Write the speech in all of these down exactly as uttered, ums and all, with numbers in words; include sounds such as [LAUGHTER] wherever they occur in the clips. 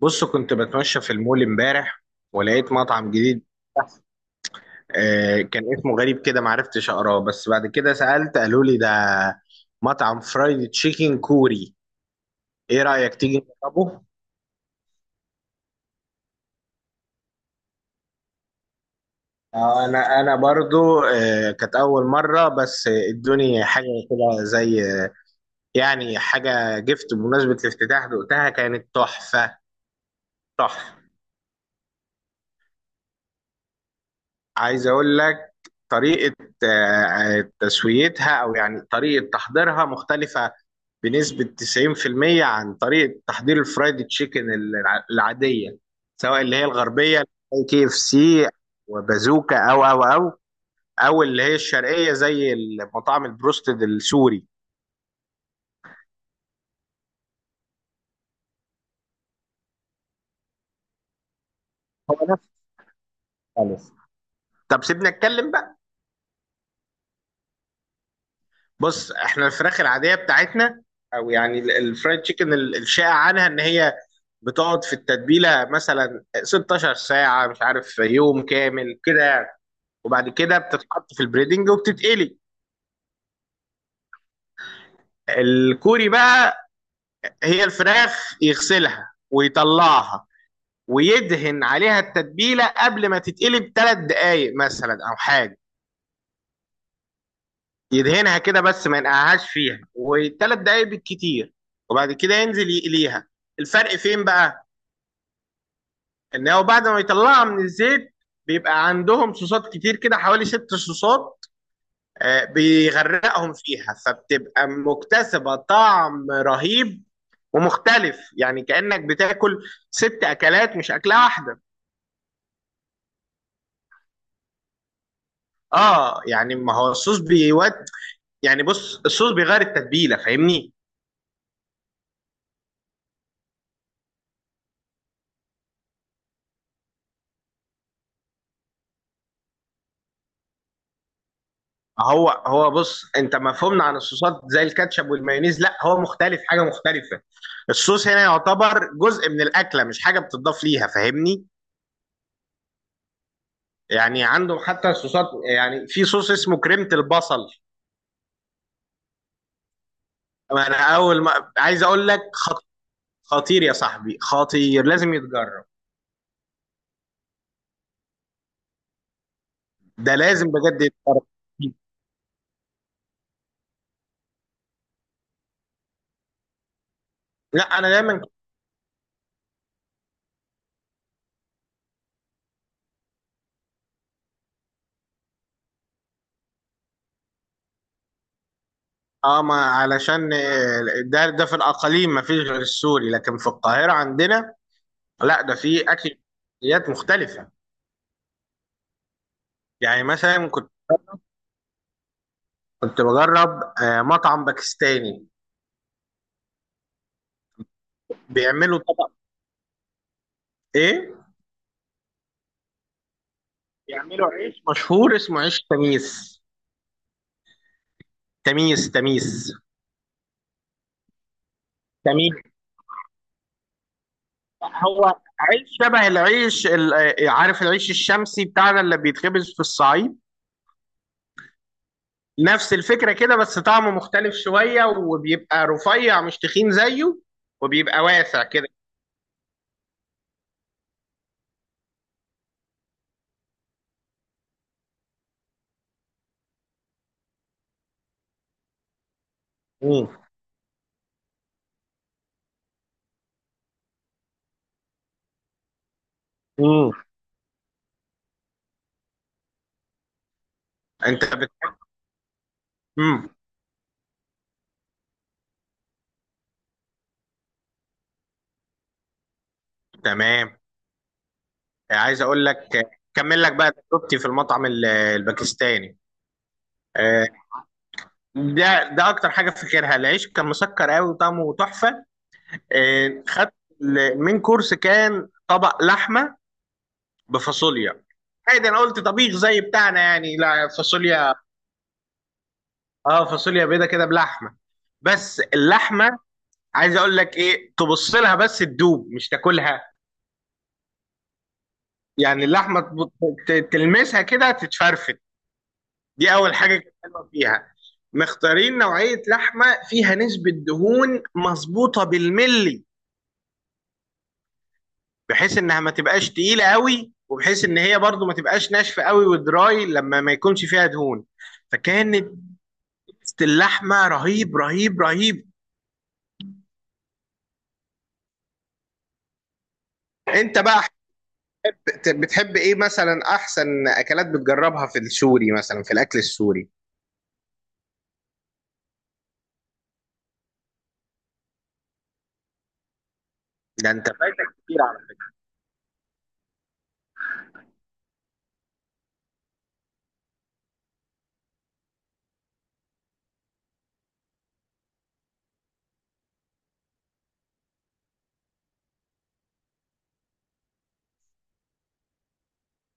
بص، كنت بتمشى في المول امبارح ولقيت مطعم جديد. آه، كان اسمه غريب كده، معرفتش اقراه، بس بعد كده سألت قالوا لي ده مطعم فرايد تشيكن كوري. ايه رأيك تيجي نجربه؟ آه، انا انا برضو آه، كانت اول مرة، بس ادوني حاجة كده زي يعني حاجة جفت بمناسبة الافتتاح، دقتها كانت تحفة. تحفة. عايز اقول لك طريقة آه، تسويتها او يعني طريقة تحضيرها مختلفة بنسبة تسعين في المية عن طريقة تحضير الفرايد تشيكن الع- العادية، سواء اللي هي الغربية زي كي اف سي وبازوكا او او او او اللي هي الشرقية زي المطاعم البروستد السوري. هو نفس خالص. طب سيبنا اتكلم بقى. بص احنا الفراخ العادية بتاعتنا، او يعني ال- الفرايد تشيكن ال- الشائع عنها ان هي بتقعد في التتبيله مثلا ستة عشر ساعة ساعه، مش عارف، يوم كامل كده يعني. وبعد كده بتتحط في البريدنج وبتتقلي. الكوري بقى، هي الفراخ يغسلها ويطلعها ويدهن عليها التتبيله قبل ما تتقلي بثلاث دقائق مثلا او حاجه. يدهنها كده بس ما ينقعهاش فيها، وثلاث دقائق بالكتير، وبعد كده ينزل يقليها. الفرق فين بقى؟ ان هو بعد ما يطلعها من الزيت بيبقى عندهم صوصات كتير كده، حوالي ست صوصات. آه، بيغرقهم فيها فبتبقى مكتسبة طعم رهيب ومختلف، يعني كأنك بتاكل ست أكلات مش أكلة واحدة. اه يعني ما هو الصوص بيود. يعني بص، الصوص بيغير التتبيلة، فاهمني؟ هو هو بص، انت مفهومنا عن الصوصات زي الكاتشب والمايونيز، لا هو مختلف، حاجة مختلفة. الصوص هنا يعتبر جزء من الأكلة، مش حاجة بتضاف ليها، فاهمني؟ يعني عندهم حتى الصوصات، يعني في صوص اسمه كريمة البصل. انا اول ما عايز اقول لك خط... خطير يا صاحبي، خطير، لازم يتجرب. ده لازم بجد يتجرب. لا، انا دايما. اه، ما علشان آه، ده ده في الاقاليم ما فيش غير السوري، لكن في القاهره عندنا لا، ده في اكلات مختلفه. يعني مثلا كنت كنت بجرب آه، مطعم باكستاني. بيعملوا طبق. ايه. بيعملوا عيش مشهور اسمه عيش تميس. تميس تميس تميس. هو عيش شبه العيش ال- عارف العيش الشمسي بتاعنا اللي بيتخبز في الصعيد؟ نفس الفكرة كده، بس طعمه مختلف شوية وبيبقى رفيع مش تخين زيه، وبيبقى واسع كده. مم. مم. انت بت... مم. تمام. عايز اقول لك، كمل لك بقى تجربتي في المطعم ال- الباكستاني. آه، ده ده اكتر حاجه فاكرها، العيش كان مسكر قوي وطعمه تحفه. آه، خدت ل- من كورس كان طبق لحمه بفاصوليا. عادي، انا قلت طبيخ زي بتاعنا يعني. لا، فاصوليا. اه فاصوليا بيضه كده بلحمه، بس اللحمه، عايز اقول لك ايه، تبص لها بس تدوب مش تاكلها. يعني اللحمه تب- ت- تلمسها كده تتفرفت. دي اول حاجه كانت حلوه فيها. مختارين نوعيه لحمه فيها نسبه دهون مظبوطه بالملي، بحيث انها ما تبقاش تقيله قوي، وبحيث ان هي برضو ما تبقاش ناشفه قوي ودراي لما ما يكونش فيها دهون. فكانت اللحمه رهيب رهيب رهيب. انت بقى بت- بتحب ايه مثلا؟ احسن اكلات بتجربها في السوري، مثلا في الاكل السوري. ده انت فايتك كتير على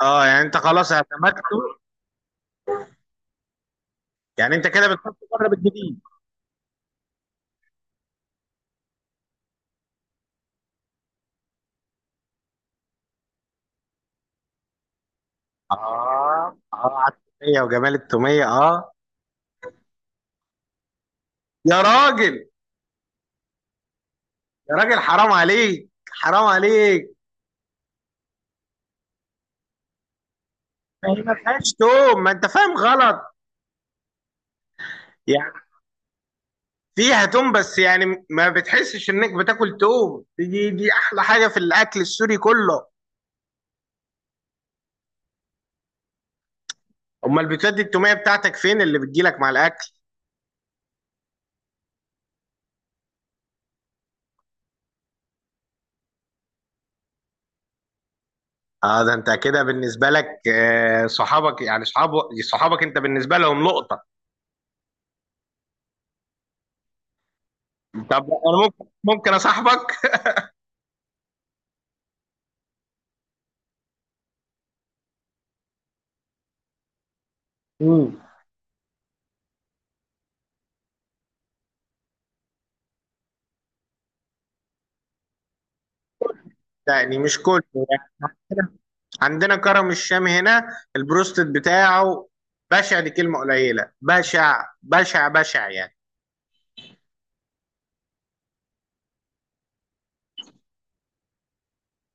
فكرة. اه يعني انت خلاص اعتمدته. يعني انت كده بتحط بره بالجديد. اه، اه على التوميه وجمال التوميه، اه. يا راجل، يا راجل، حرام عليك، حرام عليك. ما هي ما فيهاش توم، ما انت فاهم غلط. يعني فيها توم، بس يعني ما بتحسش انك بتاكل توم. دي دي احلى حاجه في الاكل السوري كله. امال بتودي التوميه بتاعتك فين اللي بتجيلك مع الاكل؟ اه، ده انت كده بالنسبه لك، آه، صحابك، يعني صحابك، صحابك انت بالنسبه لهم لقطه. طب انا ممكن ممكن اصاحبك. امم. يعني مش كله يعني. عندنا كرم الشام هنا البروستد بتاعه بشع، دي كلمه قليله، بشع بشع بشع يعني.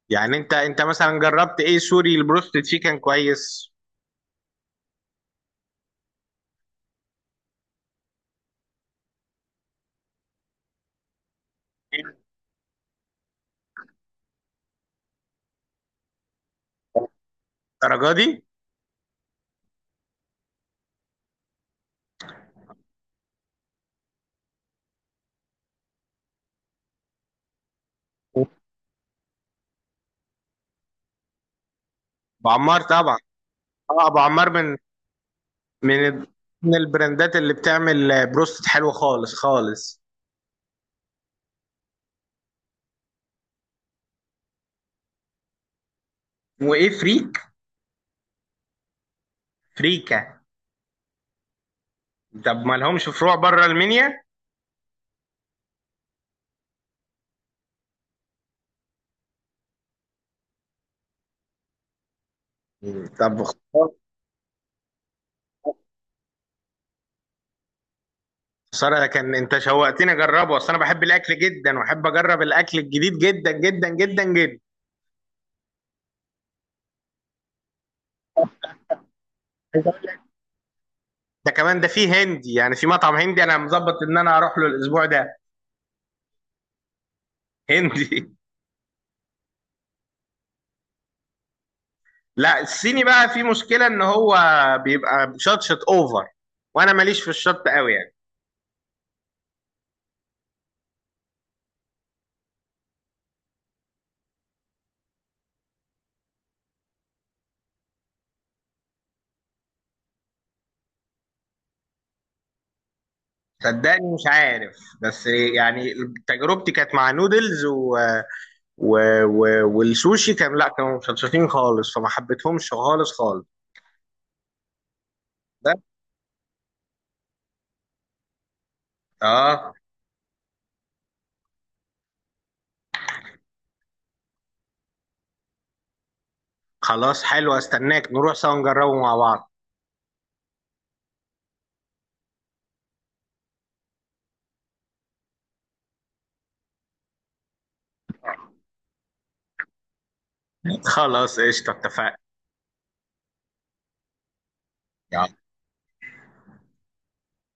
يعني انت انت مثلا جربت ايه سوري البروستد فيه كان كويس؟ الدرجه دي؟ ابو عمار طبعا. اه، ابو عمار من من ال- من البراندات اللي بتعمل بروست حلو خالص خالص. وايه فريك؟ فريكا. طب ما لهمش فروع بره المنيا؟ مم. طب، خساره. لكن انت شوقتني اجربه، اصل انا بحب الاكل جدا واحب اجرب الاكل الجديد جدا جدا جدا جدا. ده كمان ده فيه هندي، يعني في مطعم هندي انا مظبط ان انا هروح له الاسبوع ده. هندي. [LAUGHS] لا، الصيني بقى في مشكله ان هو بيبقى شطشط اوفر، وانا ماليش في الشط قوي يعني. صدقني مش عارف، بس يعني تجربتي كانت مع نودلز و... و... و... والسوشي، كان، لا، كانوا مشطشطين خالص، فما حبيتهمش خالص خالص. ده. اه. خلاص، حلو، استناك نروح سوا نجربه مع بعض. [LAUGHS] خلاص، قشطة، اتفقنا.